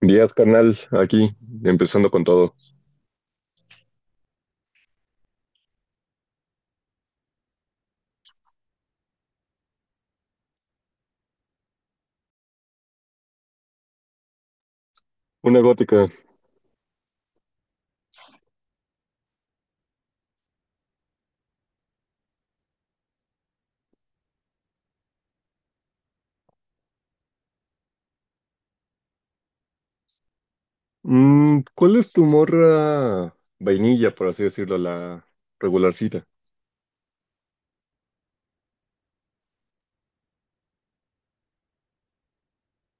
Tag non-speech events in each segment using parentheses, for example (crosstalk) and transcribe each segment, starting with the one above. Díaz, carnal, aquí, empezando con todo. Una gótica. ¿Cuál es tu morra vainilla, por así decirlo, la regularcita?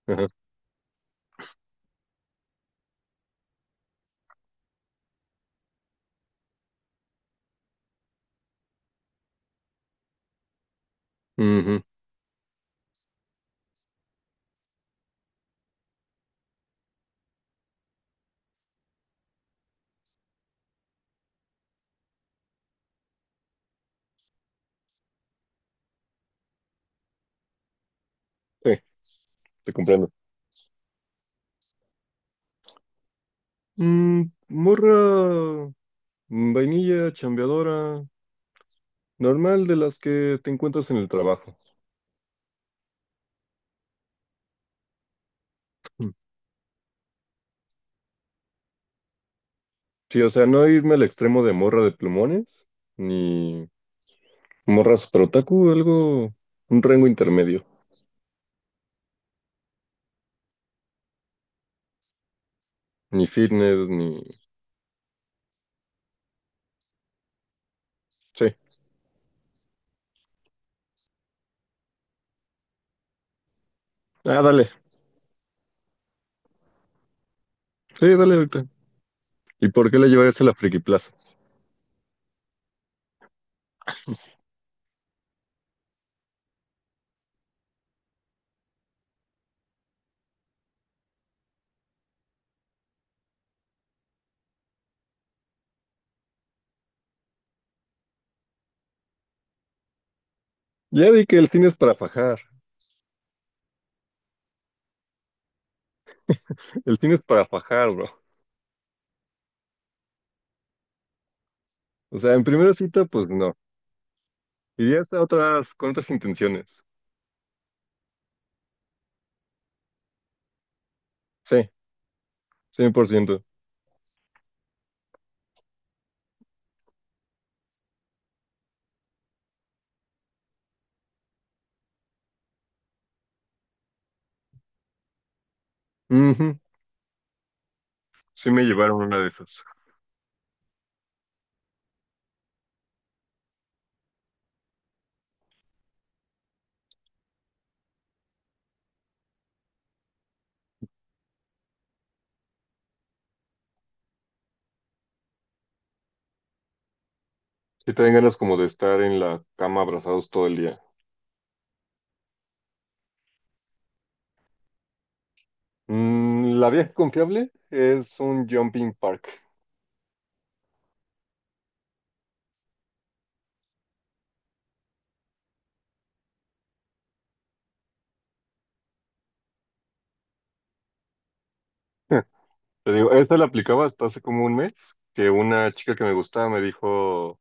Ajá. Ujú, sí, te comprendo. Morra vainilla, chambeadora, normal de las que te encuentras en el trabajo. Mm. Sí, o sea, no irme al extremo de morra de plumones, ni morra super otaku, algo, un rango intermedio. Ni fitness, ni. Sí. Ah, dale. Sí, dale ahorita. ¿Y por qué lo llevarías a la Friki Plaza? Ya di que el cine es para fajar. El cine es para fajar, bro. O sea, en primera cita, pues no. Irías a otras, con otras intenciones. Sí, 100%. Ujú, sí me llevaron una de esas. Sí te dan ganas como de estar en la cama abrazados todo el día. La vieja confiable es un jumping park. (laughs) Te digo, esta la aplicaba hasta hace como un mes, que una chica que me gustaba me dijo,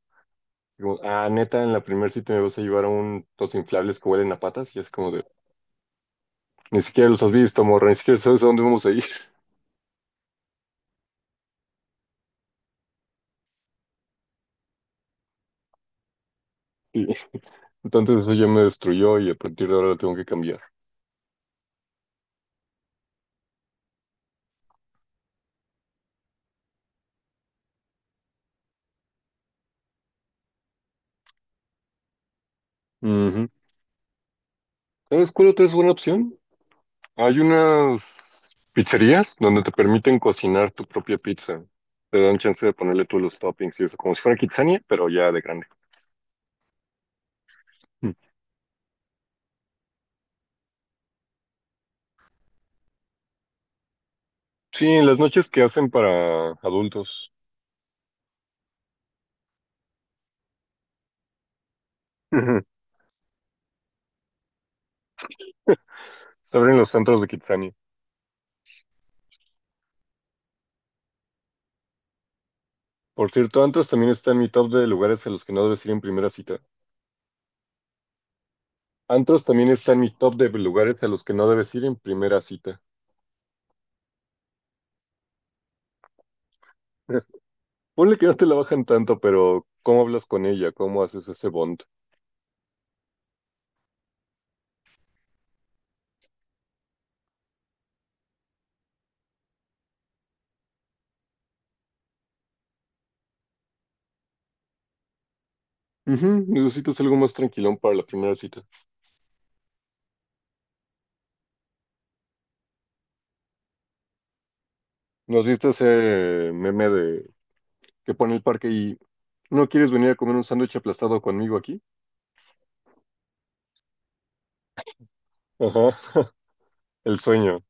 digo, ah, neta, en la primera cita me vas a llevar los inflables que huelen a patas, y es como de, ni siquiera los has visto, morra, ni siquiera sabes a dónde vamos a ir. (laughs) Sí. Entonces eso ya me destruyó y a partir de ahora lo tengo que cambiar. Ujú. ¿Sabes cuál otra es buena opción? Hay unas pizzerías donde te permiten cocinar tu propia pizza. Te dan chance de ponerle tú los toppings y eso, como si fuera Kitsania, pero ya de grande. Mm. Sí, en las noches que hacen para adultos. Ujú. Se abren los antros de Kitsania. Por cierto, antros también está en mi top de lugares a los que no debes ir en primera cita. Antros también está en mi top de lugares a los que no debes ir en primera cita. (laughs) Ponle que no te la bajan tanto, pero ¿cómo hablas con ella? ¿Cómo haces ese bond? Ujú, necesitas algo más tranquilón para la primera cita. Nos viste ese meme de que pone el parque y ¿no quieres venir a comer un sándwich aplastado conmigo aquí? Ajá, (laughs) el sueño.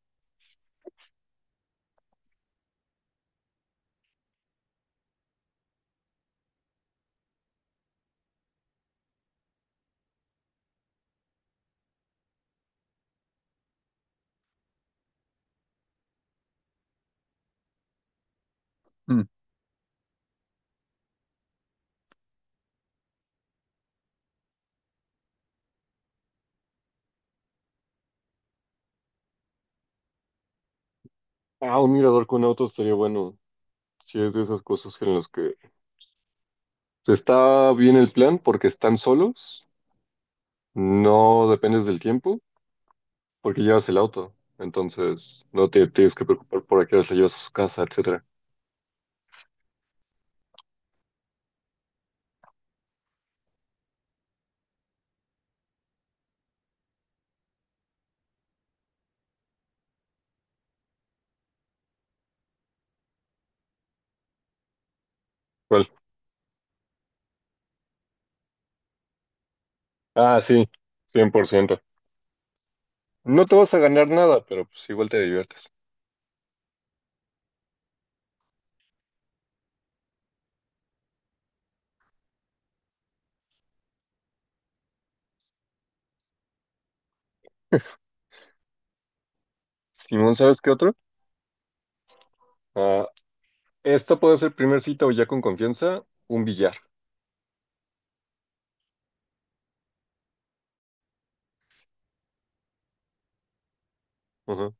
Mm. Ah, un mirador con autos estaría bueno. Si es de esas cosas en las que está bien el plan porque están solos, no dependes del tiempo porque llevas el auto. Entonces no te tienes que preocupar por a qué hora la llevas a su casa, etcétera. Ah, sí, 100%. No te vas a ganar nada, pero pues igual te diviertes. Simón, ¿sabes qué otro? Ah, esta puede ser primer cita o ya con confianza, un billar. Ajá.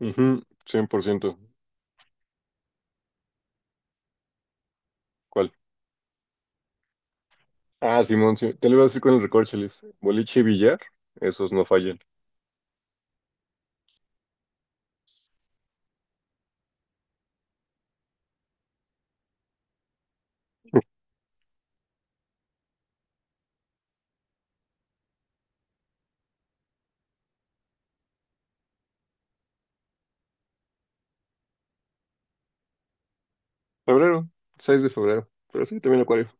Ujú, 100%. ¿Cuál? Ah, Simón, sí, te lo iba a decir con el recorcholis. Boliche y billar, esos no fallan. Febrero, 6 de febrero. Pero sí, también acuario.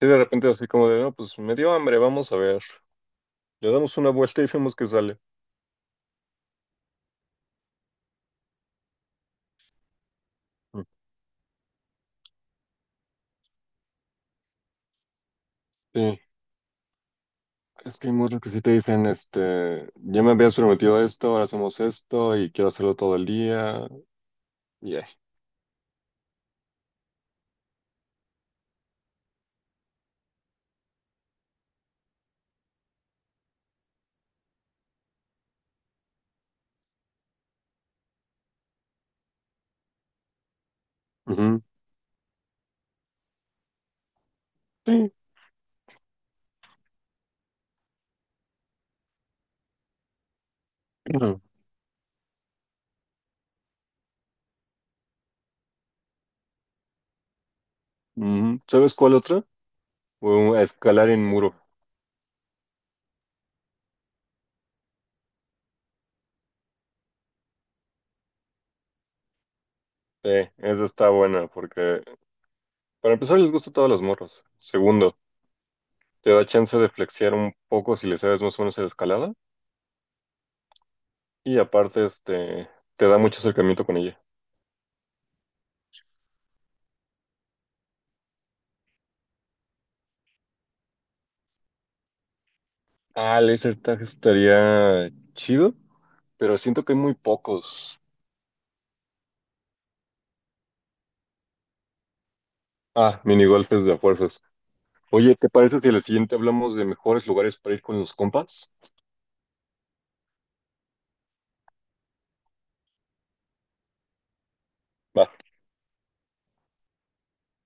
Y de repente así como de, no, pues me dio hambre, vamos a ver. Le damos una vuelta y vemos qué sale. Mm. Sí. Es que hay muchos que sí te dicen, ya me habías prometido esto, ahora hacemos esto y quiero hacerlo todo el día. Y ay, ujú, sí, claro. Ujú. ¿Sabes cuál otra? Escalar en muro. Sí, esa está buena porque para empezar les gusta a todos los morros. Segundo, te da chance de flexear un poco si le sabes más o menos a la escalada. Y aparte, te da mucho acercamiento con ella. Ah, el laser tag estaría chido, pero siento que hay muy pocos. Ah, minigolpes de a fuerzas. Oye, ¿te parece si a la siguiente hablamos de mejores lugares para ir con los compas? Va.